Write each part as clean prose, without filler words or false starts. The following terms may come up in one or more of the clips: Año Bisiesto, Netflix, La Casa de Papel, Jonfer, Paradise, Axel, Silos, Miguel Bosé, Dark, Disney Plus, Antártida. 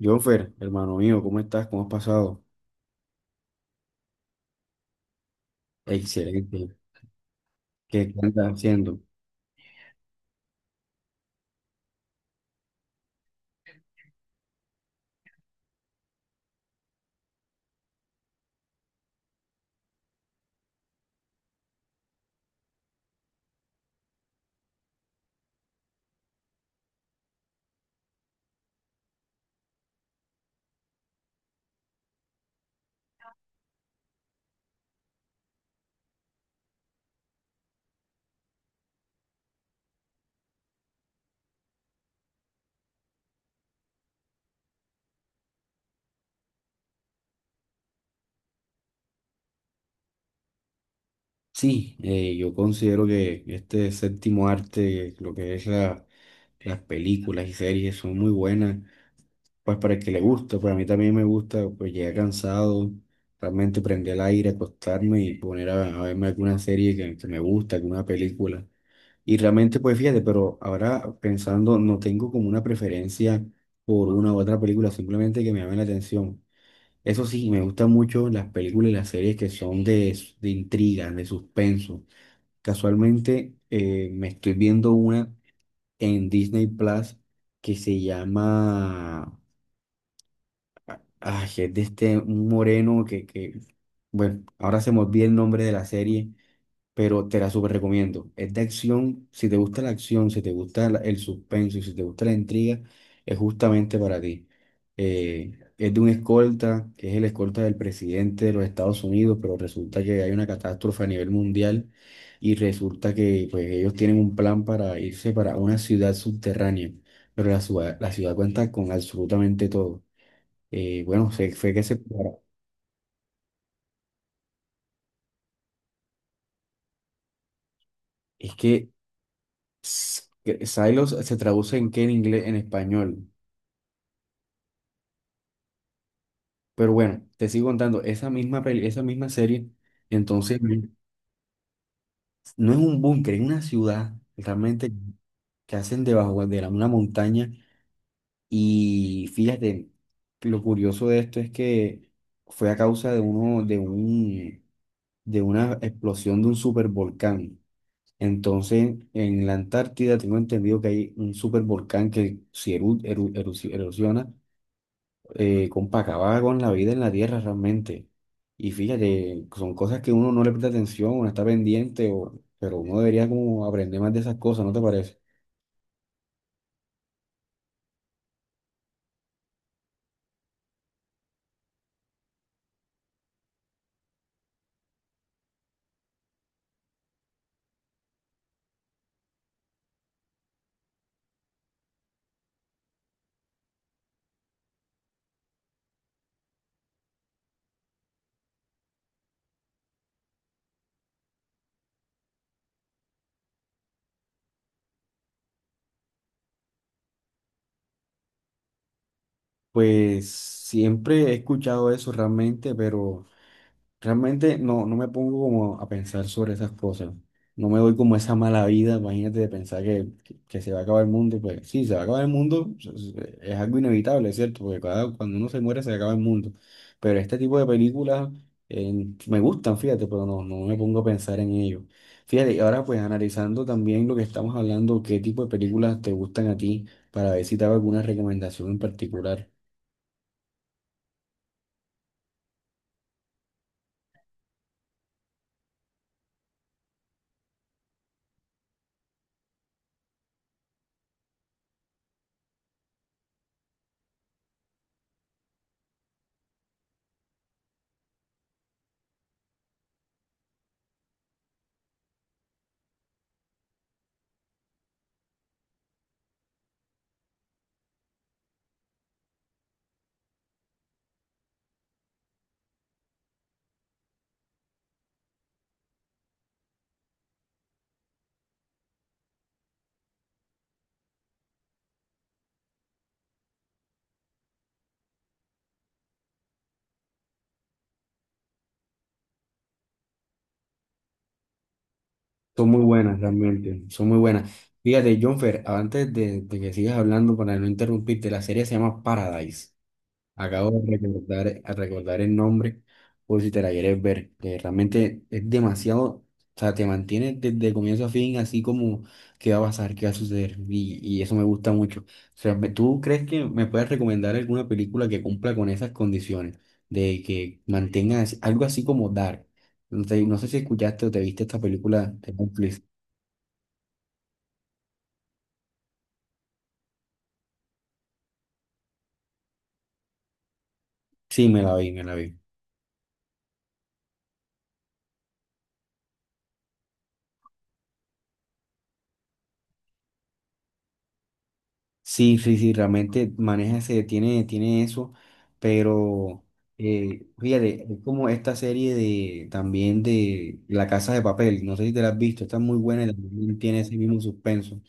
Jonfer, hermano mío, ¿cómo estás? ¿Cómo has pasado? Excelente. ¿Qué andas haciendo? Sí, yo considero que este séptimo arte, lo que es las películas y series, son muy buenas, pues para el que le gusta, para mí también me gusta, pues llegar cansado, realmente prender el aire, acostarme y poner a verme alguna serie que me gusta, alguna película. Y realmente, pues fíjate, pero ahora pensando, no tengo como una preferencia por una u otra película, simplemente que me llame la atención. Eso sí, me gustan mucho las películas y las series que son de intriga, de suspenso. Casualmente me estoy viendo una en Disney Plus que se llama... Ay, es de este un moreno que... Bueno, ahora se me olvida el nombre de la serie, pero te la súper recomiendo. Es de acción, si te gusta la acción, si te gusta el suspenso y si te gusta la intriga, es justamente para ti. Es de un escolta, que es el escolta del presidente de los Estados Unidos, pero resulta que hay una catástrofe a nivel mundial y resulta que pues, ellos tienen un plan para irse para una ciudad subterránea, pero la ciudad cuenta con absolutamente todo. Fue que se... Es que... Que Silos se traduce en qué en inglés, en español. Pero bueno, te sigo contando, esa misma peli, esa misma serie, entonces ujú. No es un búnker, es una ciudad realmente que hacen debajo de una montaña y fíjate, lo curioso de esto es que fue a causa de de una explosión de un supervolcán. Entonces, en la Antártida tengo entendido que hay un supervolcán que si erosiona, compa, acaba con la vida en la tierra realmente. Y fíjate, son cosas que uno no le presta atención, uno está pendiente, pero uno debería como aprender más de esas cosas, ¿no te parece? Pues siempre he escuchado eso realmente, pero... Realmente no, no me pongo como a pensar sobre esas cosas. No me doy como esa mala vida, imagínate de pensar que se va a acabar el mundo. Pues sí, se va a acabar el mundo, es algo inevitable, ¿cierto? Porque cuando uno se muere se acaba el mundo. Pero este tipo de películas eh, me gustan, fíjate, pero no, no me pongo a pensar en ello. Fíjate, y ahora pues analizando también lo que estamos hablando, qué tipo de películas te gustan a ti, para ver si te hago alguna recomendación en particular. Son muy buenas, realmente, son muy buenas. Fíjate, Jonfer, de que sigas hablando, para no interrumpirte, la serie se llama Paradise. Acabo de recordar, a recordar el nombre, por si te la quieres ver, que realmente es demasiado, o sea, te mantiene desde comienzo a fin, así como qué va a pasar, qué va a suceder, y eso me gusta mucho. O sea, ¿tú crees que me puedes recomendar alguna película que cumpla con esas condiciones, de que mantenga algo así como Dark? No sé, no sé si escuchaste o te viste esta película de Netflix. Sí, me la vi, me la vi. Sí, sí, sí, realmente maneja ese, tiene eso, pero fíjate, es como esta serie de también de La Casa de Papel, no sé si te la has visto, está muy buena y también tiene ese mismo suspenso.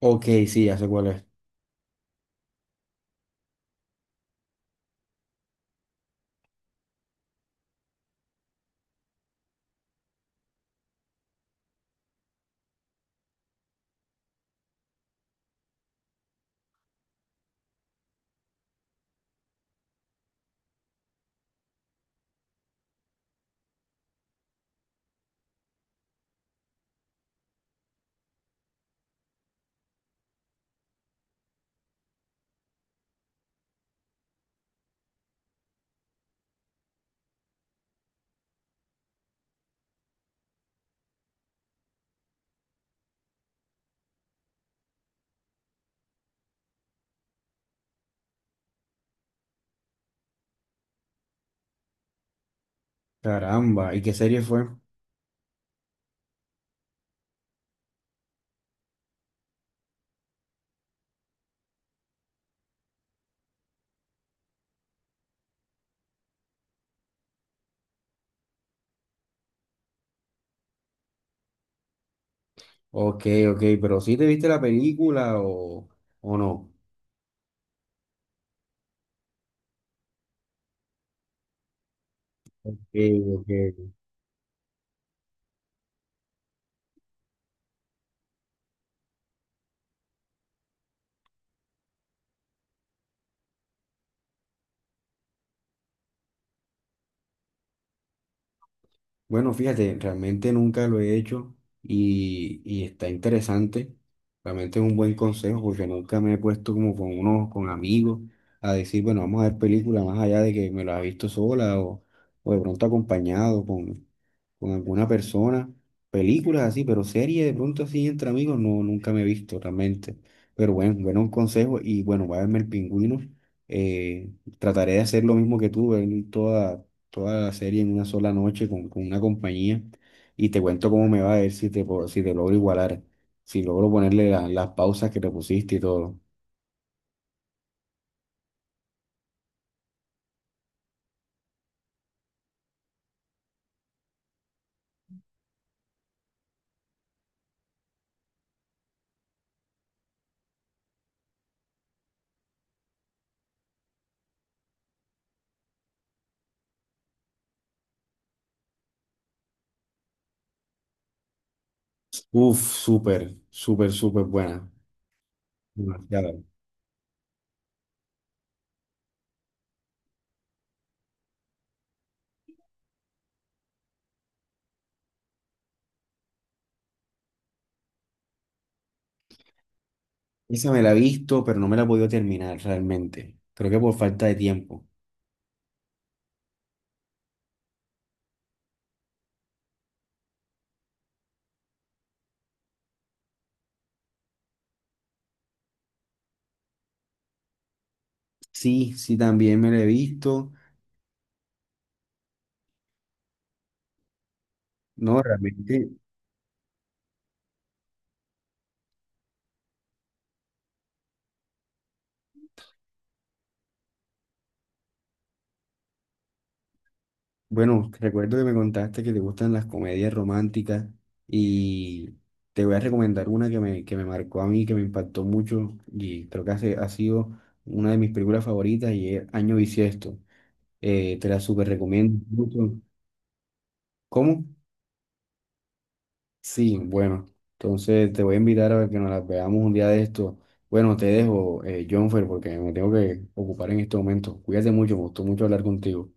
Ok, sí, ya sé cuál es. Caramba, ¿y qué serie fue? Ok, ok, pero ¿sí te viste la película o no? Ok, ok. Bueno, fíjate, realmente nunca lo he hecho y está interesante. Realmente es un buen consejo porque nunca me he puesto como con unos, con amigos a decir, bueno, vamos a ver películas más allá de que me las he visto sola o de pronto acompañado con alguna persona. Películas así, pero series de pronto así entre amigos, no, nunca me he visto realmente. Pero bueno, bueno, un consejo y bueno, voy a verme el pingüino. Eh, Trataré de hacer lo mismo que tú, ver toda la serie en una sola noche con una compañía y te cuento cómo me va a ver si si te logro igualar, si logro ponerle las pausas que te pusiste y todo. Uf, súper, súper, súper buena. Demasiado. Esa me la he visto, pero no me la he podido terminar realmente. Creo que por falta de tiempo. Sí, sí, también me la he visto. No, realmente. Bueno, recuerdo que me contaste que te gustan las comedias románticas y te voy a recomendar una que me marcó a mí, que me impactó mucho y creo que ha sido una de mis películas favoritas y es Año Bisiesto. Te la súper recomiendo mucho. ¿Cómo? Sí, bueno, entonces te voy a invitar a que nos la veamos un día de esto. Bueno, te dejo, Jonfer, porque me tengo que ocupar en este momento. Cuídate mucho, me gustó mucho hablar contigo.